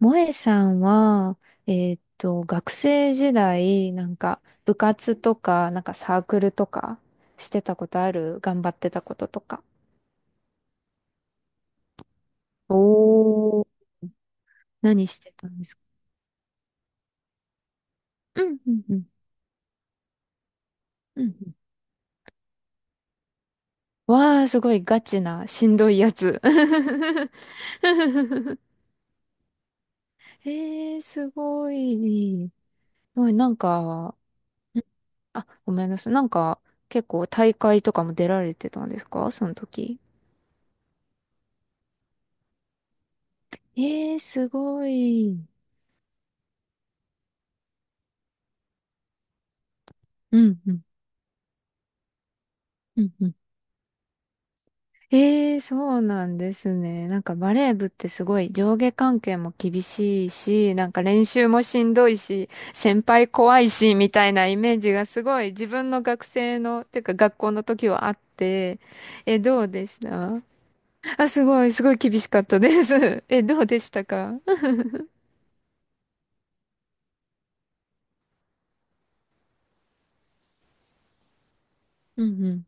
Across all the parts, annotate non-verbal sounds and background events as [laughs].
萌えさんは、学生時代、部活とか、なんかサークルとか、してたことある頑張ってたこととか。何してたんですか？うん、うん、うん。うんうん。わあ、すごいガチな、しんどいやつ。[laughs] えー、すごい。すごい、なんか、ん、あ、ごめんなさい。なんか、結構大会とかも出られてたんですかその時？えー、すごい。うん、うん、うん、うん。ええ、そうなんですね。なんかバレー部ってすごい上下関係も厳しいし、なんか練習もしんどいし、先輩怖いし、みたいなイメージがすごい自分の学生の、てか学校の時はあって、え、どうでした？あ、すごい、すごい厳しかったです。[laughs] え、どうでしたか？うんうん。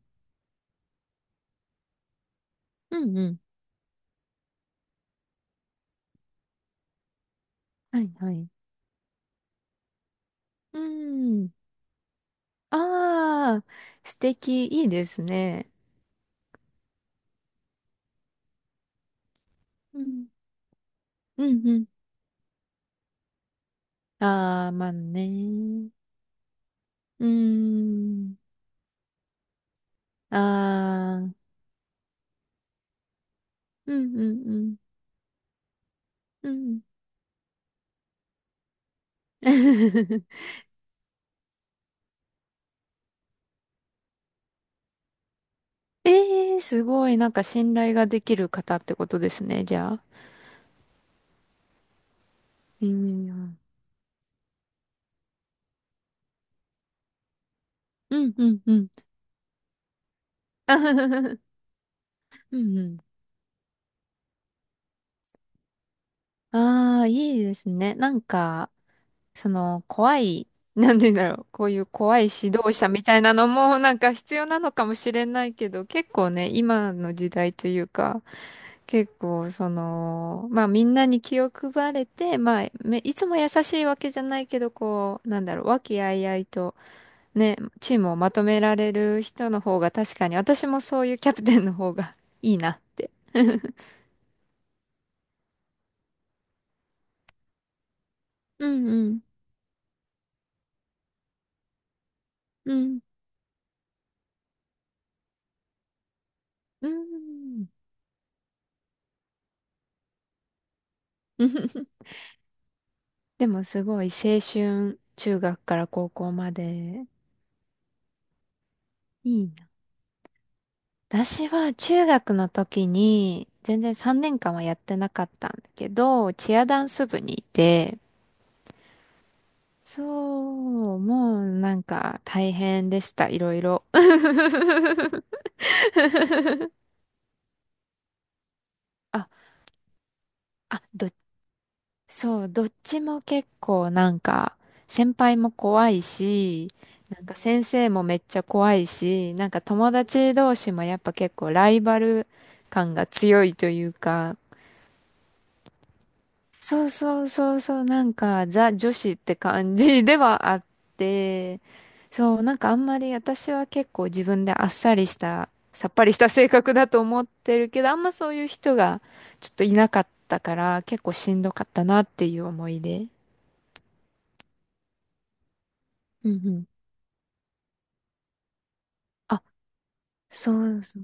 うんうん。はいはい。うん。ああ、素敵、いいですね。うん。うんうん。ああ、まあね。うーん。ああ。うんうんうん。うん。[laughs] ええー、すごい。なんか信頼ができる方ってことですね、じゃあ。いいな。うんうんうん。[laughs] うんうん。[laughs] ああ、いいですね。なんか、その、怖い、[laughs] なんて言うんだろう、こういう怖い指導者みたいなのもなんか必要なのかもしれないけど、結構ね、今の時代というか、結構その、まあみんなに気を配れて、まあめいつも優しいわけじゃないけど、こう、なんだろう、和気あいあいとね、チームをまとめられる人の方が確かに、私もそういうキャプテンの方がいいなって。[laughs] うんうん。うん。うん。[laughs] でもすごい青春、中学から高校まで。いいな。私は中学の時に、全然3年間はやってなかったんだけど、チアダンス部にいて、そう、もうなんか大変でした、いろいろ。[laughs] あ、あ、ど、そう、どっちも結構なんか、先輩も怖いし、なんか先生もめっちゃ怖いし、なんか友達同士もやっぱ結構ライバル感が強いというか、そうそうそうそう、なんかザ女子って感じではあって、そう、なんかあんまり私は結構自分であっさりした、さっぱりした性格だと思ってるけど、あんまそういう人がちょっといなかったから、結構しんどかったなっていう思い出。うんうん。あ、そうそう。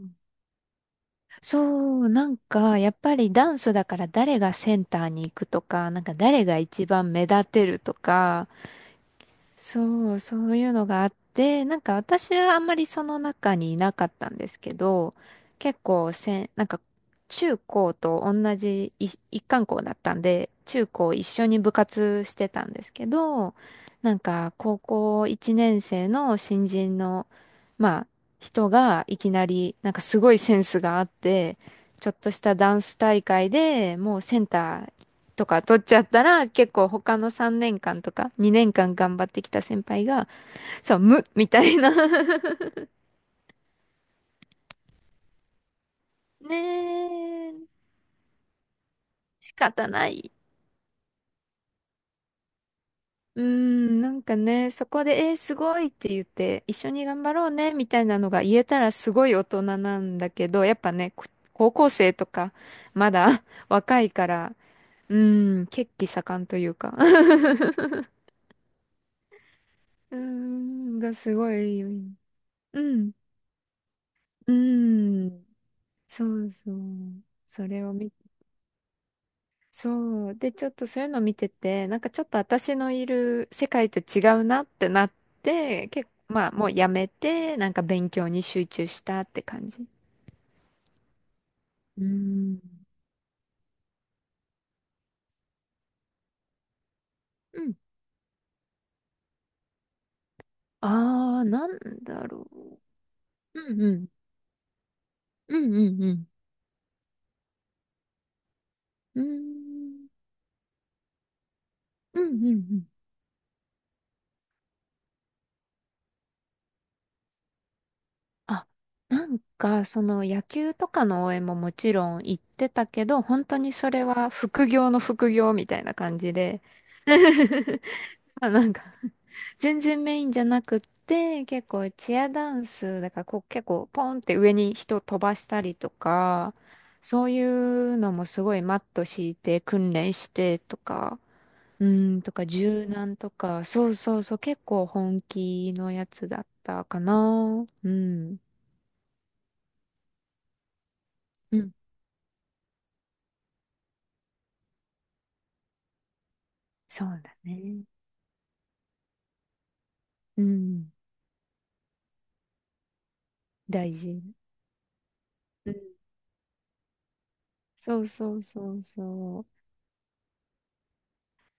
そう、なんか、やっぱりダンスだから誰がセンターに行くとか、なんか誰が一番目立てるとか、そう、そういうのがあって、なんか私はあんまりその中にいなかったんですけど、結構せん、なんか中高と同じい一貫校だったんで、中高一緒に部活してたんですけど、なんか高校1年生の新人の、まあ人がいきなり、なんかすごいセンスがあって、ちょっとしたダンス大会でもうセンターとか取っちゃったら、結構他の3年間とか2年間頑張ってきた先輩が、そう、無みたいな。 [laughs] ねえ、仕方ない。うーん、なんかね、そこで、えーすごいって言って、一緒に頑張ろうね、みたいなのが言えたらすごい大人なんだけど、やっぱね、こ、高校生とか、まだ [laughs] 若いから、うーん、血気盛んというか。 [laughs] うーん、がすごい、うん、うーん。そうそう。それを見、そう。で、ちょっとそういうの見てて、なんかちょっと私のいる世界と違うなってなって、結構、まあもうやめて、なんか勉強に集中したって感じ。うん。うん。ああ、なんだろう。うんうん。うんうんうん。うーん。うんうんうん。あ、なんか、その野球とかの応援ももちろん行ってたけど、本当にそれは副業の副業みたいな感じで。[laughs] [laughs] あ、なんか。 [laughs] 全然メインじゃなくって、結構チアダンス、だからこう結構ポンって上に人飛ばしたりとか、そういうのもすごいマット敷いて訓練してとか、うん、とか柔軟とか、そうそうそう、結構本気のやつだったかな。うん。うん。そうだね。うん。大事。うん。そうそうそうそう。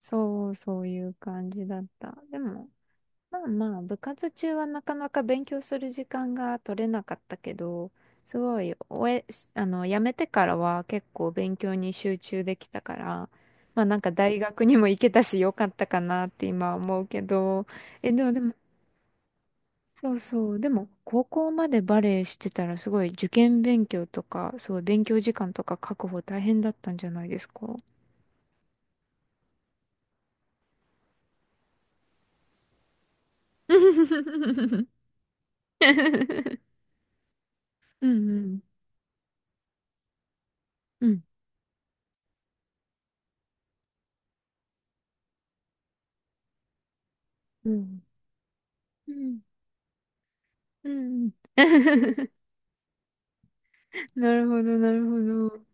そう、そういう感じだった。でも、まあまあ、部活中はなかなか勉強する時間が取れなかったけど、すごい、終え、しあの、辞めてからは結構勉強に集中できたから、まあなんか大学にも行けたしよかったかなって今は思うけど、え、でもでも、そうそう、でも高校までバレエしてたらすごい受験勉強とか、すごい勉強時間とか確保大変だったんじゃないですか？ [laughs] うんうん。うん。うん。うん。うん。[laughs] なるほど、なるほど。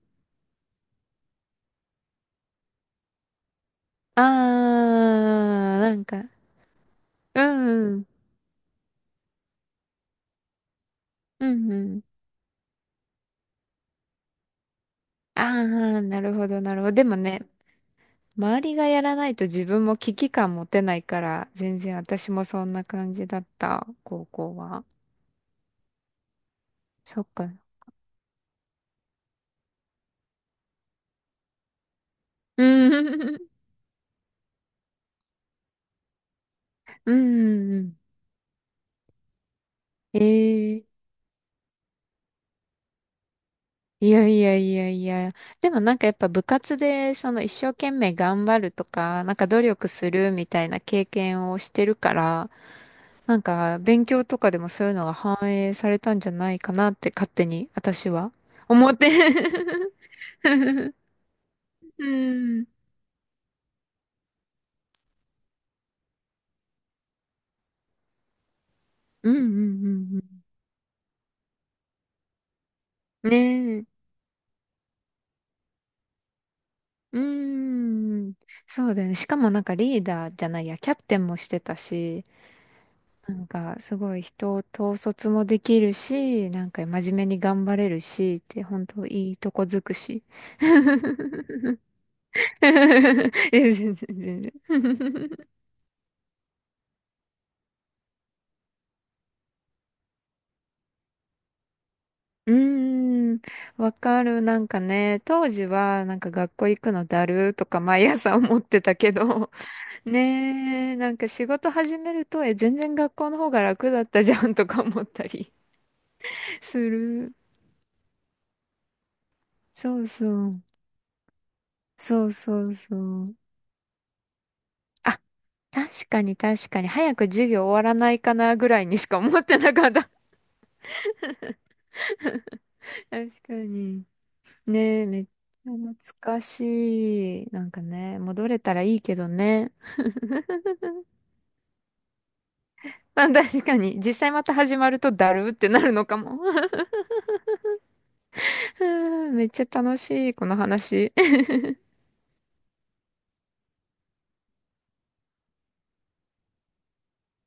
あー、なんか、うんうん、うんうん。あー、なるほど、なるほど。でもね、周りがやらないと自分も危機感持てないから、全然私もそんな感じだった、高校は。そっか。うん、うん、うん。ええ、いやいやいやいや。でもなんかやっぱ部活で、その一生懸命頑張るとか、なんか努力するみたいな経験をしてるから、なんか、勉強とかでもそういうのが反映されたんじゃないかなって勝手に私は思って。[laughs] うん。うんうんうんうん。ねえ。うん。そうだよね。しかもなんかリーダーじゃないや、キャプテンもしてたし、なんかすごい人を統率もできるし、なんか真面目に頑張れるし、って本当いいとこづくし。[laughs] いや全然全然。うーん、わかる。なんかね、当時はなんか学校行くのだるとか毎朝思ってたけど、ねえ、なんか仕事始めると、え、全然学校の方が楽だったじゃんとか思ったり [laughs] する。そうそう。そうそうそう。あ、確かに確かに。早く授業終わらないかなぐらいにしか思ってなかった。[laughs] 確かに。ねえ、めっちゃ懐かしい。なんかね、戻れたらいいけどね。まあ確かに、実際また始まるとだるってなるのかも。[laughs] うんめっちゃ楽しい、この話。